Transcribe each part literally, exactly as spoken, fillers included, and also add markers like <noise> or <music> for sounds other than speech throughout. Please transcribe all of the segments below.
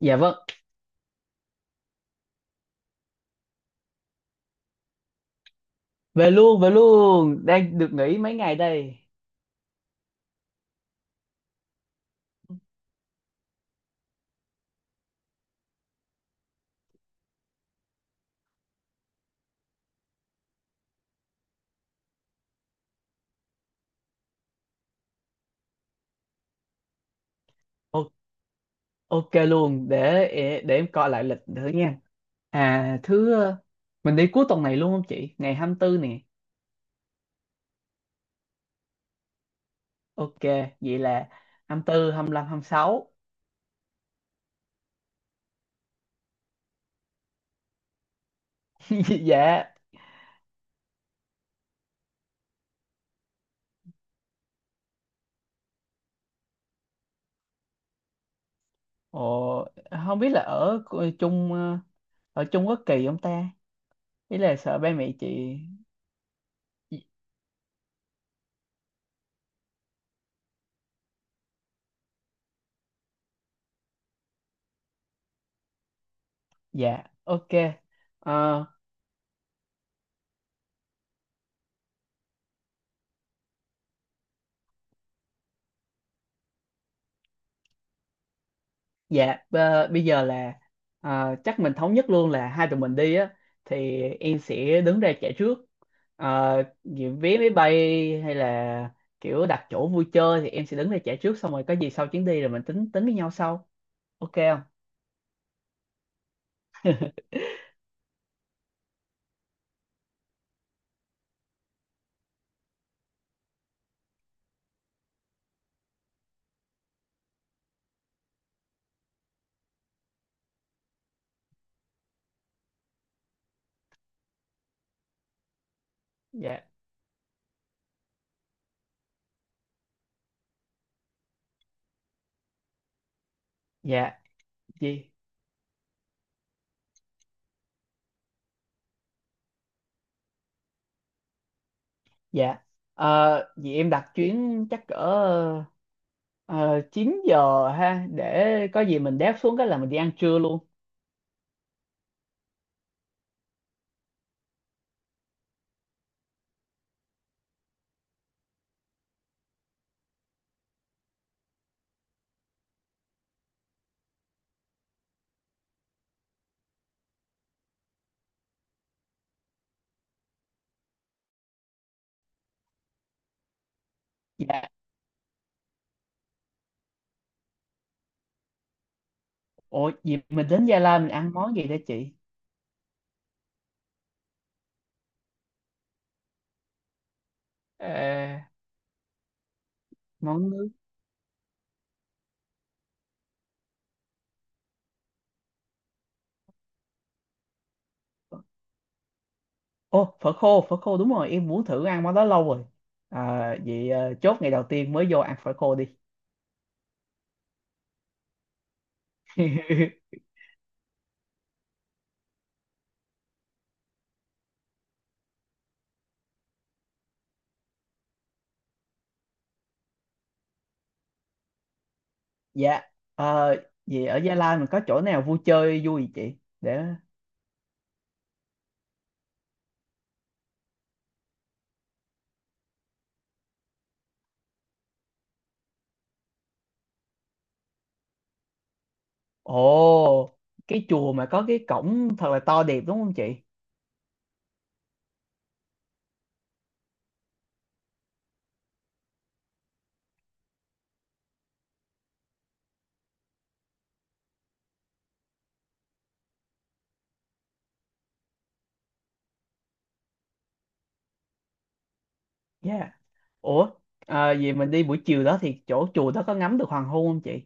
Dạ vâng, về luôn, về luôn, đang được nghỉ mấy ngày đây. O ok luôn, để để em coi lại lịch nữa nha. À, thứ ờ, mình đi cuối tuần này luôn không chị? Ngày hai mươi tư nè. Ok, vậy là hai hai mươi tư, hai mươi lăm, hai mươi sáu. <laughs> Dạ. Ồ, không biết là ở chung, ờ, ở Trung Quốc kỳ không ta? Ý là sợ ba mẹ chị. Dạ, ok. Ờ, Dạ, bơ- bây giờ là, ờ, chắc mình thống nhất luôn là hai tụi mình đi á, thì em sẽ đứng ra trả trước. Ờ, Vì vé máy bay hay là kiểu đặt chỗ vui chơi thì em sẽ đứng ra trả trước, xong rồi có gì sau chuyến đi rồi mình tính tính với nhau sau. Ok không? Dạ, dạ, gì? Dạ. Ờ, Vì em đặt chuyến chắc cỡ ờ, chín giờ ha, để có gì mình đáp xuống cái là mình đi ăn trưa luôn. Dạ. Ủa, gì mình đến Gia Lai mình ăn món gì đó chị? Ờ, món nước. Ô, phở khô, phở khô đúng rồi, em muốn thử ăn món đó lâu rồi. À, vậy ờ, chốt ngày đầu tiên mới vô ăn phở khô đi. <laughs> Dạ. ờ, Vậy ở Gia Lai mình có chỗ nào vui chơi vui gì chị để... Ồ, cái chùa mà có cái cổng thật là to đẹp đúng không chị? Dạ. Ủa, à, vậy mình đi buổi chiều đó thì chỗ chùa đó có ngắm được hoàng hôn không chị?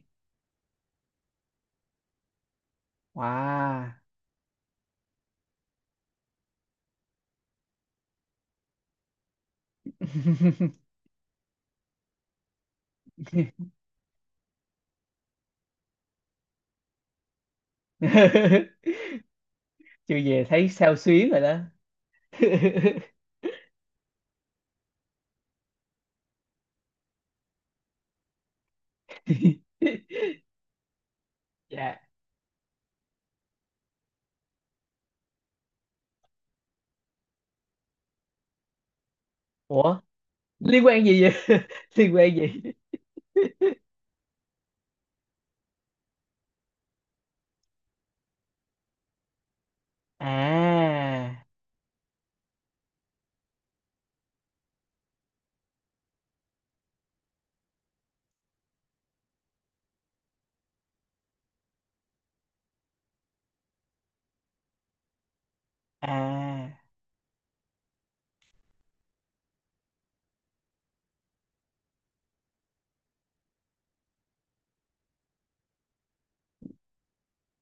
Wow. <laughs> Chưa về thấy sao xuyến rồi đó. <laughs> Dạ. Ủa, liên quan gì vậy? <laughs> Liên quan gì? À, à.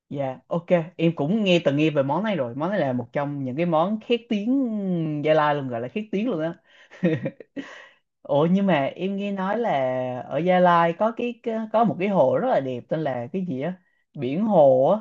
Dạ, ok, em cũng nghe từng nghe về món này rồi, món này là một trong những cái món khét tiếng Gia Lai luôn, gọi là khét tiếng luôn á. <laughs> Ủa, nhưng mà em nghe nói là ở Gia Lai có cái cái- có một cái hồ rất là đẹp tên là cái gì á, biển hồ.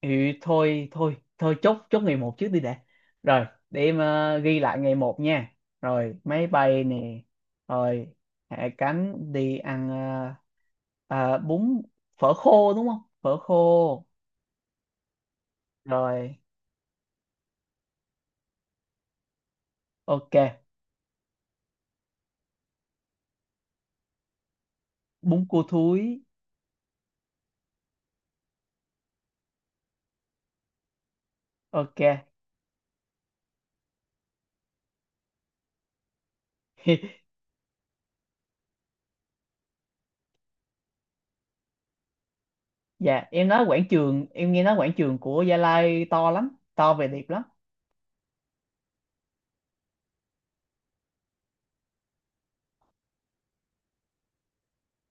Ừ, thôi thôi thôi, chốt chốt ngày một trước đi đã. Rồi để em ờ, ghi lại ngày một nha. Rồi máy bay nè. Rồi hạ cánh đi ăn, ờ, ờ, bún phở khô đúng không, phở khô. Rồi ok. Bún cua thúi. Ok. <laughs> Dạ, em nói quảng trường em nghe nói quảng trường của Gia Lai to lắm, to về đẹp lắm.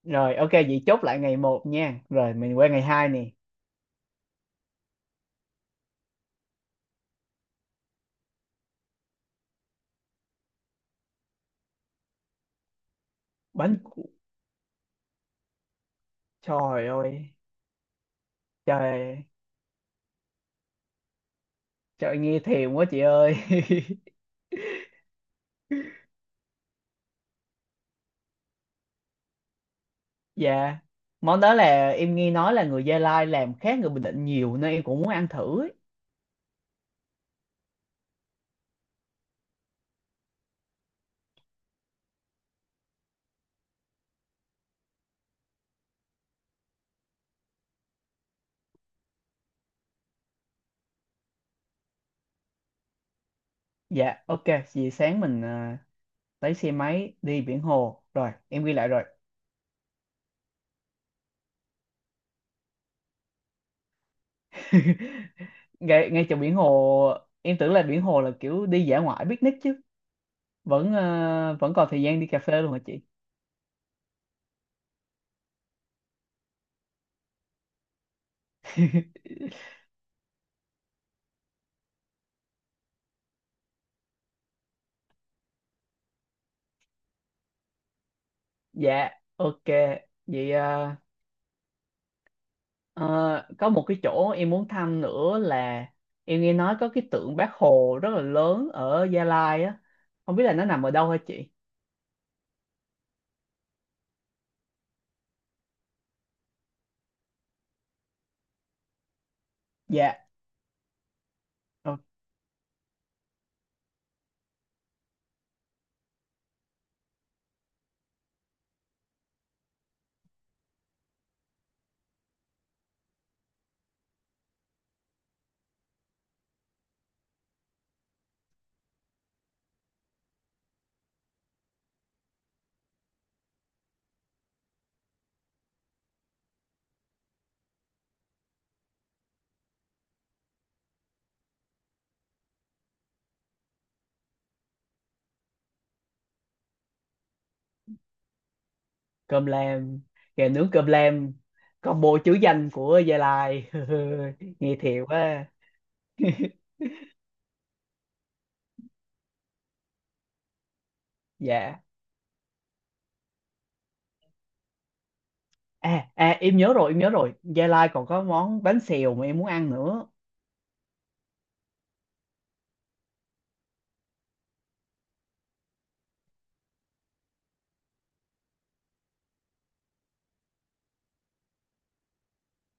Rồi ok, vậy chốt lại ngày một nha, rồi mình qua ngày hai nè. bánh cu- Trời ơi, trời. Trời nghe thèm quá chị ơi. <laughs> Dạ. Món đó là em nghe nói là người Gia Lai làm khác người Bình Định nhiều nên em cũng muốn ăn thử ấy. Dạ, ok, vậy sáng mình à, lấy xe máy đi biển hồ. Rồi, em ghi lại rồi. <laughs> Ngay ngay chỗ biển hồ, em tưởng là biển hồ là kiểu đi dã ngoại picnic chứ. Vẫn à, vẫn còn thời gian đi cà phê luôn hả chị? <laughs> Dạ, ok. Vậy à. Ờ, có một cái chỗ em muốn thăm nữa là em nghe nói có cái tượng Bác Hồ rất là lớn ở Gia Lai á, không biết là nó nằm ở đâu hả chị? Dạ. ờ, cơm lam Gà nướng cơm lam, combo chữ danh của Gia Lai. <laughs> Nghe thiệt quá. Dạ, à, à, em nhớ rồi, em nhớ rồi, Gia Lai còn có món bánh xèo mà em muốn ăn nữa.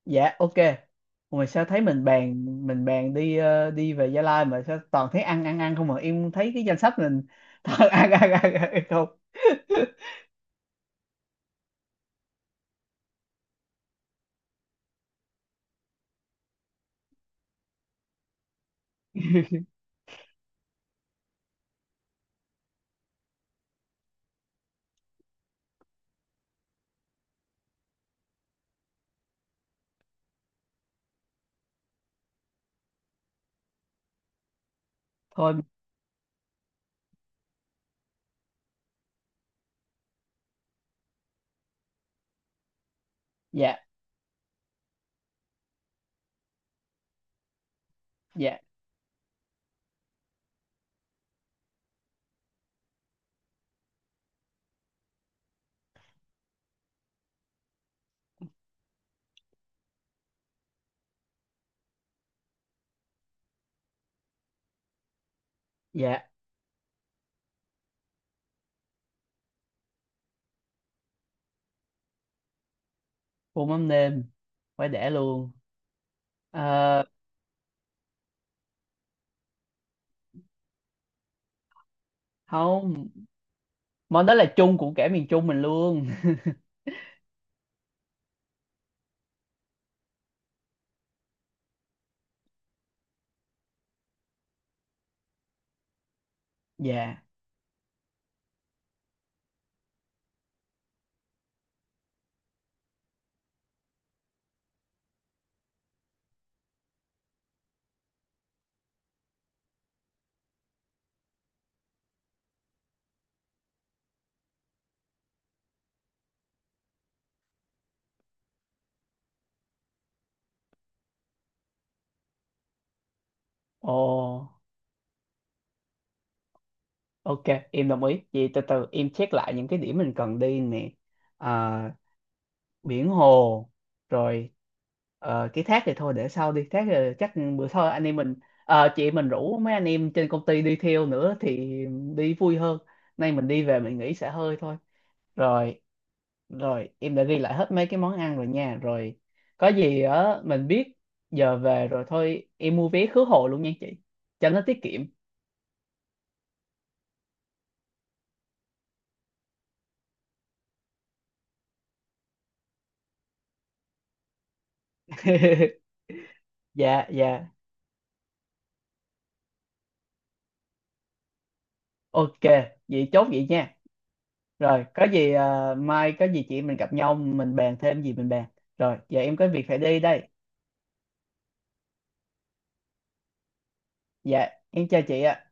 Dạ, ok. Ủa mà sao thấy mình bàn mình bàn đi ờ, đi về Gia Lai, mà sao toàn thấy ăn ăn ăn không, mà em thấy cái danh sách mình toàn <laughs> ăn ăn ăn, ăn không. <laughs> Thôi. Dạ, dạ, dạ. Phô mắm nêm phải để luôn. Ờ, Không, món đó là chung của cả miền Trung mình luôn. <laughs> Dạ. Ồ, ok, em đồng ý, vậy từ từ em check lại những cái điểm mình cần đi nè. Ờ, Biển hồ, rồi ờ, cái thác thì thôi để sau đi, thác thì chắc bữa sau anh em mình, ờ, chị mình rủ mấy anh em trên công ty đi theo nữa thì đi vui hơn. Nay mình đi về mình nghỉ xả hơi thôi. Rồi rồi em đã ghi lại hết mấy cái món ăn rồi nha. Rồi có gì á mình biết, giờ về rồi thôi, em mua vé khứ hồi luôn nha chị cho nó tiết kiệm. <laughs> Dạ, dạ, ok, vậy chốt vậy nha. Rồi, có gì à, mai có gì chị em mình gặp nhau mình bàn thêm gì mình bàn. Rồi, giờ em có việc phải đi đây. Dạ, em chào chị ạ.